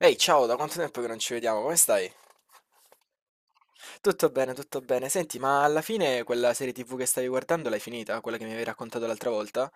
Ehi, ciao, da quanto tempo che non ci vediamo? Come stai? Tutto bene, tutto bene. Senti, ma alla fine quella serie TV che stavi guardando l'hai finita? Quella che mi avevi raccontato l'altra volta?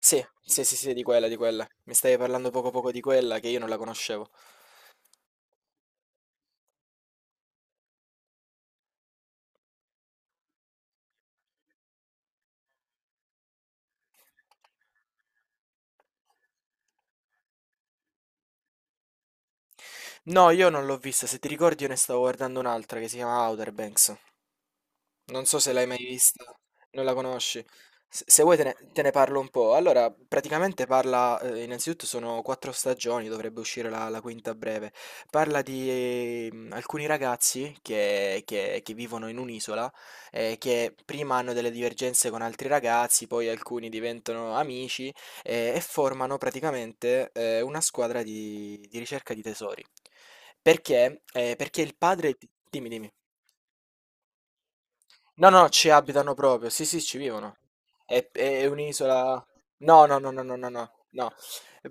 Sì, sì, sì, sì, di quella, di quella. Mi stavi parlando poco poco di quella che io non la conoscevo. No, io non l'ho vista. Se ti ricordi, io ne stavo guardando un'altra che si chiama Outer Banks. Non so se l'hai mai vista, non la conosci. Se vuoi te ne parlo un po'. Allora, praticamente parla, innanzitutto sono quattro stagioni, dovrebbe uscire la quinta a breve. Parla di alcuni ragazzi che vivono in un'isola, che prima hanno delle divergenze con altri ragazzi, poi alcuni diventano amici e formano praticamente una squadra di ricerca di tesori. Perché? Perché il padre... Dimmi, dimmi. No, no, ci abitano proprio. Sì, sì, ci vivono. È un'isola. No, no, no, no, no, no, no, no.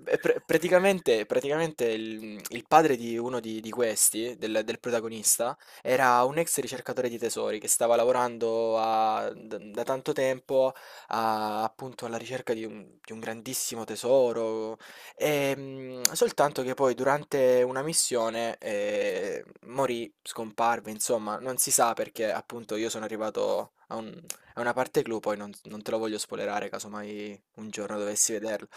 È praticamente il padre di uno di questi, del protagonista, era un ex ricercatore di tesori che stava lavorando da tanto tempo appunto alla ricerca di un grandissimo tesoro. Soltanto che poi durante una missione morì, scomparve, insomma, non si sa perché. Appunto, io sono arrivato a una parte clou, poi non te lo voglio spoilerare casomai un giorno dovessi vederlo.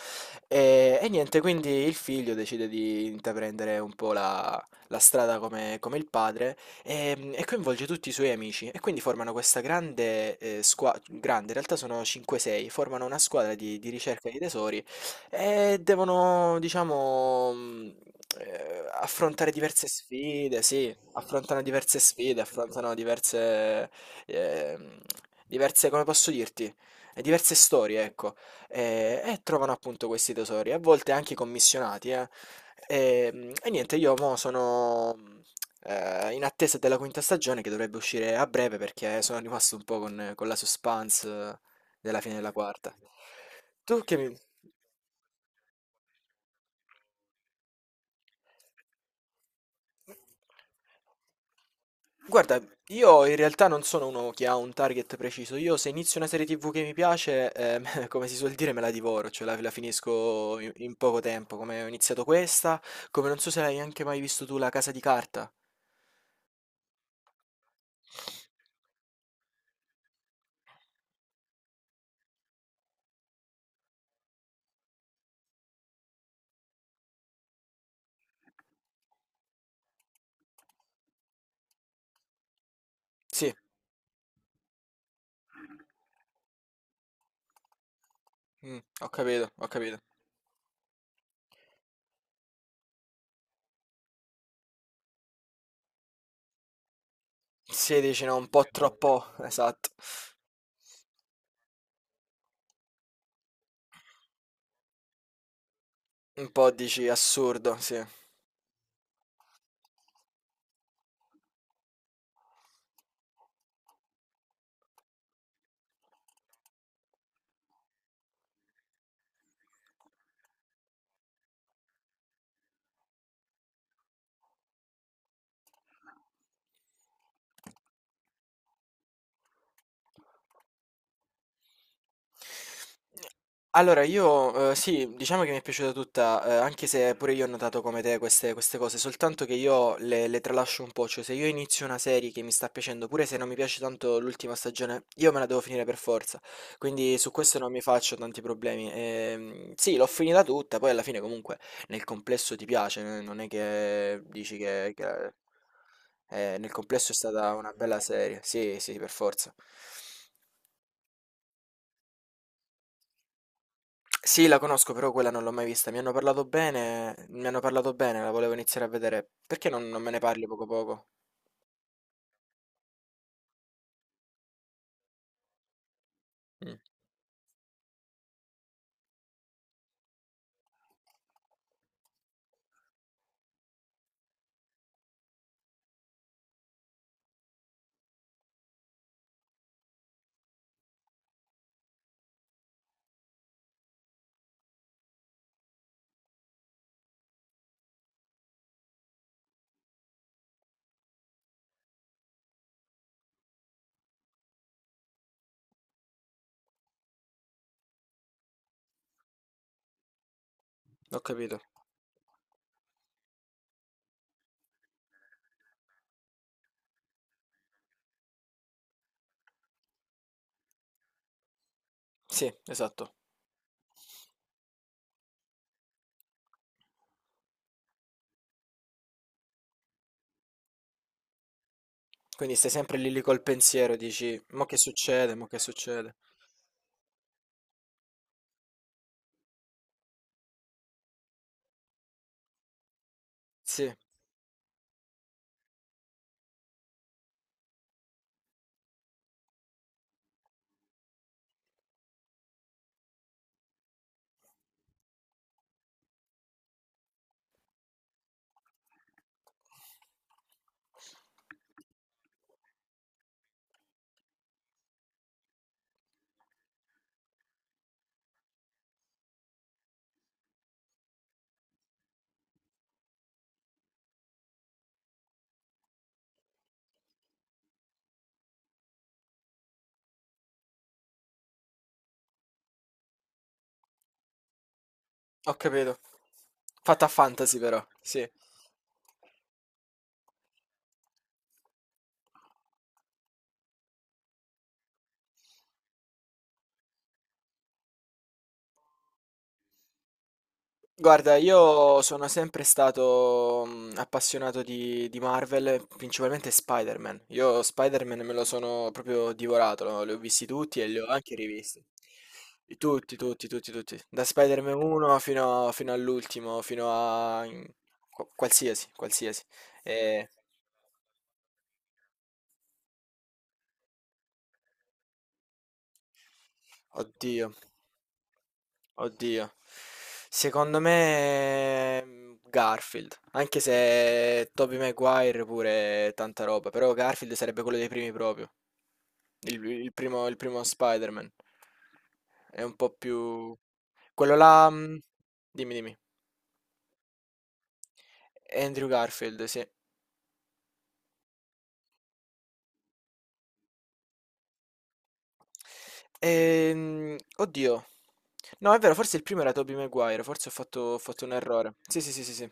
E niente, quindi il figlio decide di intraprendere un po' la strada come, come il padre e coinvolge tutti i suoi amici e quindi formano questa grande squadra, grande, in realtà sono 5-6, formano una squadra di ricerca di tesori. Devono diciamo, affrontare diverse sfide, sì, affrontano diverse sfide, affrontano ehm, diverse come posso dirti, diverse storie, ecco, e trovano appunto questi tesori, a volte anche commissionati, eh. E niente, io mo sono, in attesa della quinta stagione che dovrebbe uscire a breve perché sono rimasto un po' con la suspense della fine della quarta. Tu che mi... Guarda, io in realtà non sono uno che ha un target preciso. Io se inizio una serie TV che mi piace, come si suol dire, me la divoro, cioè la finisco in poco tempo, come ho iniziato questa, come non so se l'hai anche mai visto tu La Casa di Carta. Sì, mm, ho capito, ho capito. Sì, dici no, un po' troppo, esatto. Un po' dici assurdo, sì. Allora io, sì, diciamo che mi è piaciuta tutta, anche se pure io ho notato come te queste cose, soltanto che io le tralascio un po', cioè se io inizio una serie che mi sta piacendo, pure se non mi piace tanto l'ultima stagione, io me la devo finire per forza, quindi su questo non mi faccio tanti problemi. Sì, l'ho finita tutta, poi alla fine comunque nel complesso ti piace, non è che dici che nel complesso è stata una bella serie, sì, sì, per forza. Sì, la conosco, però quella non l'ho mai vista. Mi hanno parlato bene, mi hanno parlato bene, la volevo iniziare a vedere. Perché non me ne parli poco poco? Mm, ho capito. Sì, esatto. Quindi stai sempre lì lì col pensiero, dici, mo che succede, mo che succede. Sì, ho capito. Fatta a fantasy però, sì. Guarda, io sono sempre stato mm, appassionato di Marvel, principalmente Spider-Man. Io Spider-Man me lo sono proprio divorato, no? Li ho visti tutti e li ho anche rivisti. Tutti, tutti, tutti, tutti. Da Spider-Man 1 fino, fino all'ultimo, fino a... qualsiasi, qualsiasi. E- Oddio. Oddio. Secondo me mm, Garfield, anche se Tobey Maguire pure è tanta roba, però Garfield sarebbe quello dei primi proprio, il primo, il primo Spider-Man, è un po' più... Quello là, mm, dimmi, dimmi, Andrew Garfield, sì. Ehm, oddio, no è vero, forse il primo era Tobey Maguire, forse ho fatto un errore, sì sì sì sì sì.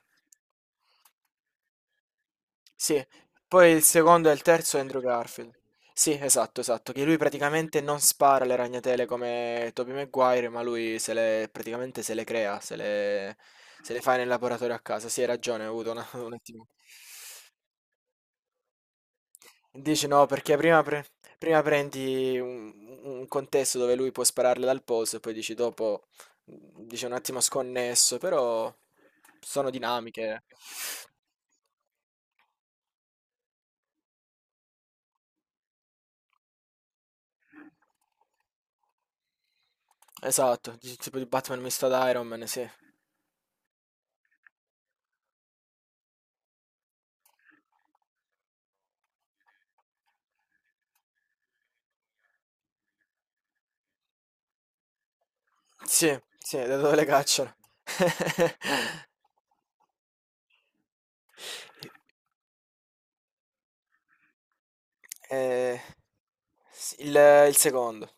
Sì, poi il secondo e il terzo è Andrew Garfield. Sì, esatto, esatto, che lui praticamente non spara le ragnatele come Tobey Maguire, ma lui se le, praticamente se le crea, se le, se le fa nel laboratorio a casa. Sì, hai ragione, ho avuto un attimo. Dici no, perché prima prendi un contesto dove lui può spararle dal polso e poi dici dopo, mm, dici un attimo sconnesso, però sono dinamiche. Esatto, dici tipo di Batman misto ad Iron Man, sì. Sì, sì, da dove le cacciano. Eh, s- il, il secondo.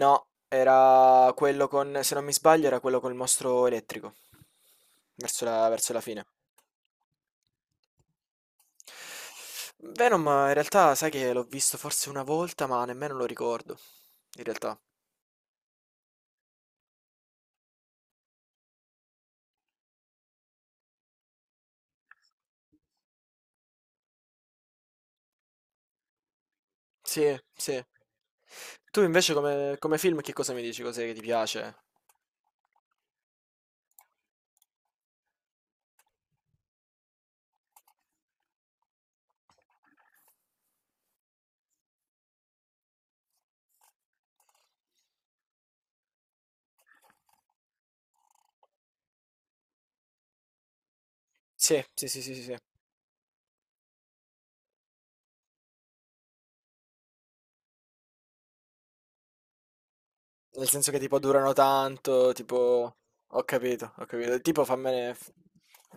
No, era quello con, se non mi sbaglio, era quello col mostro elettrico. Verso la fine. Venom, in realtà, sai che l'ho visto forse una volta, ma nemmeno lo ricordo. In realtà. Sì, sì. Tu invece come film che cosa mi dici? Cos'è che ti piace? Sì, sì, sì, sì, sì, sì. Nel senso che tipo durano tanto, tipo... Ho capito, ho capito. Tipo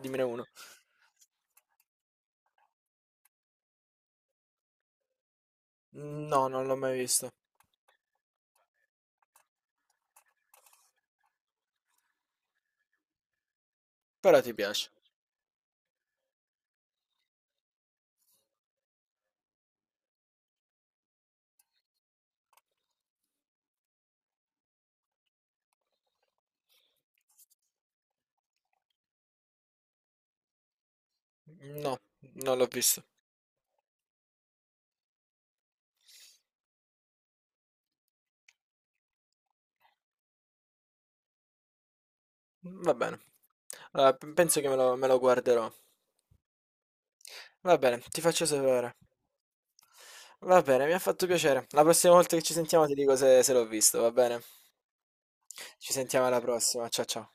dimmene uno. No, non l'ho mai visto. Però ti piace. No, non l'ho visto. Va bene. Allora, penso che me lo guarderò. Va bene, ti faccio sapere. Va bene, mi ha fatto piacere. La prossima volta che ci sentiamo ti dico se se l'ho visto, va bene? Ci sentiamo alla prossima. Ciao ciao.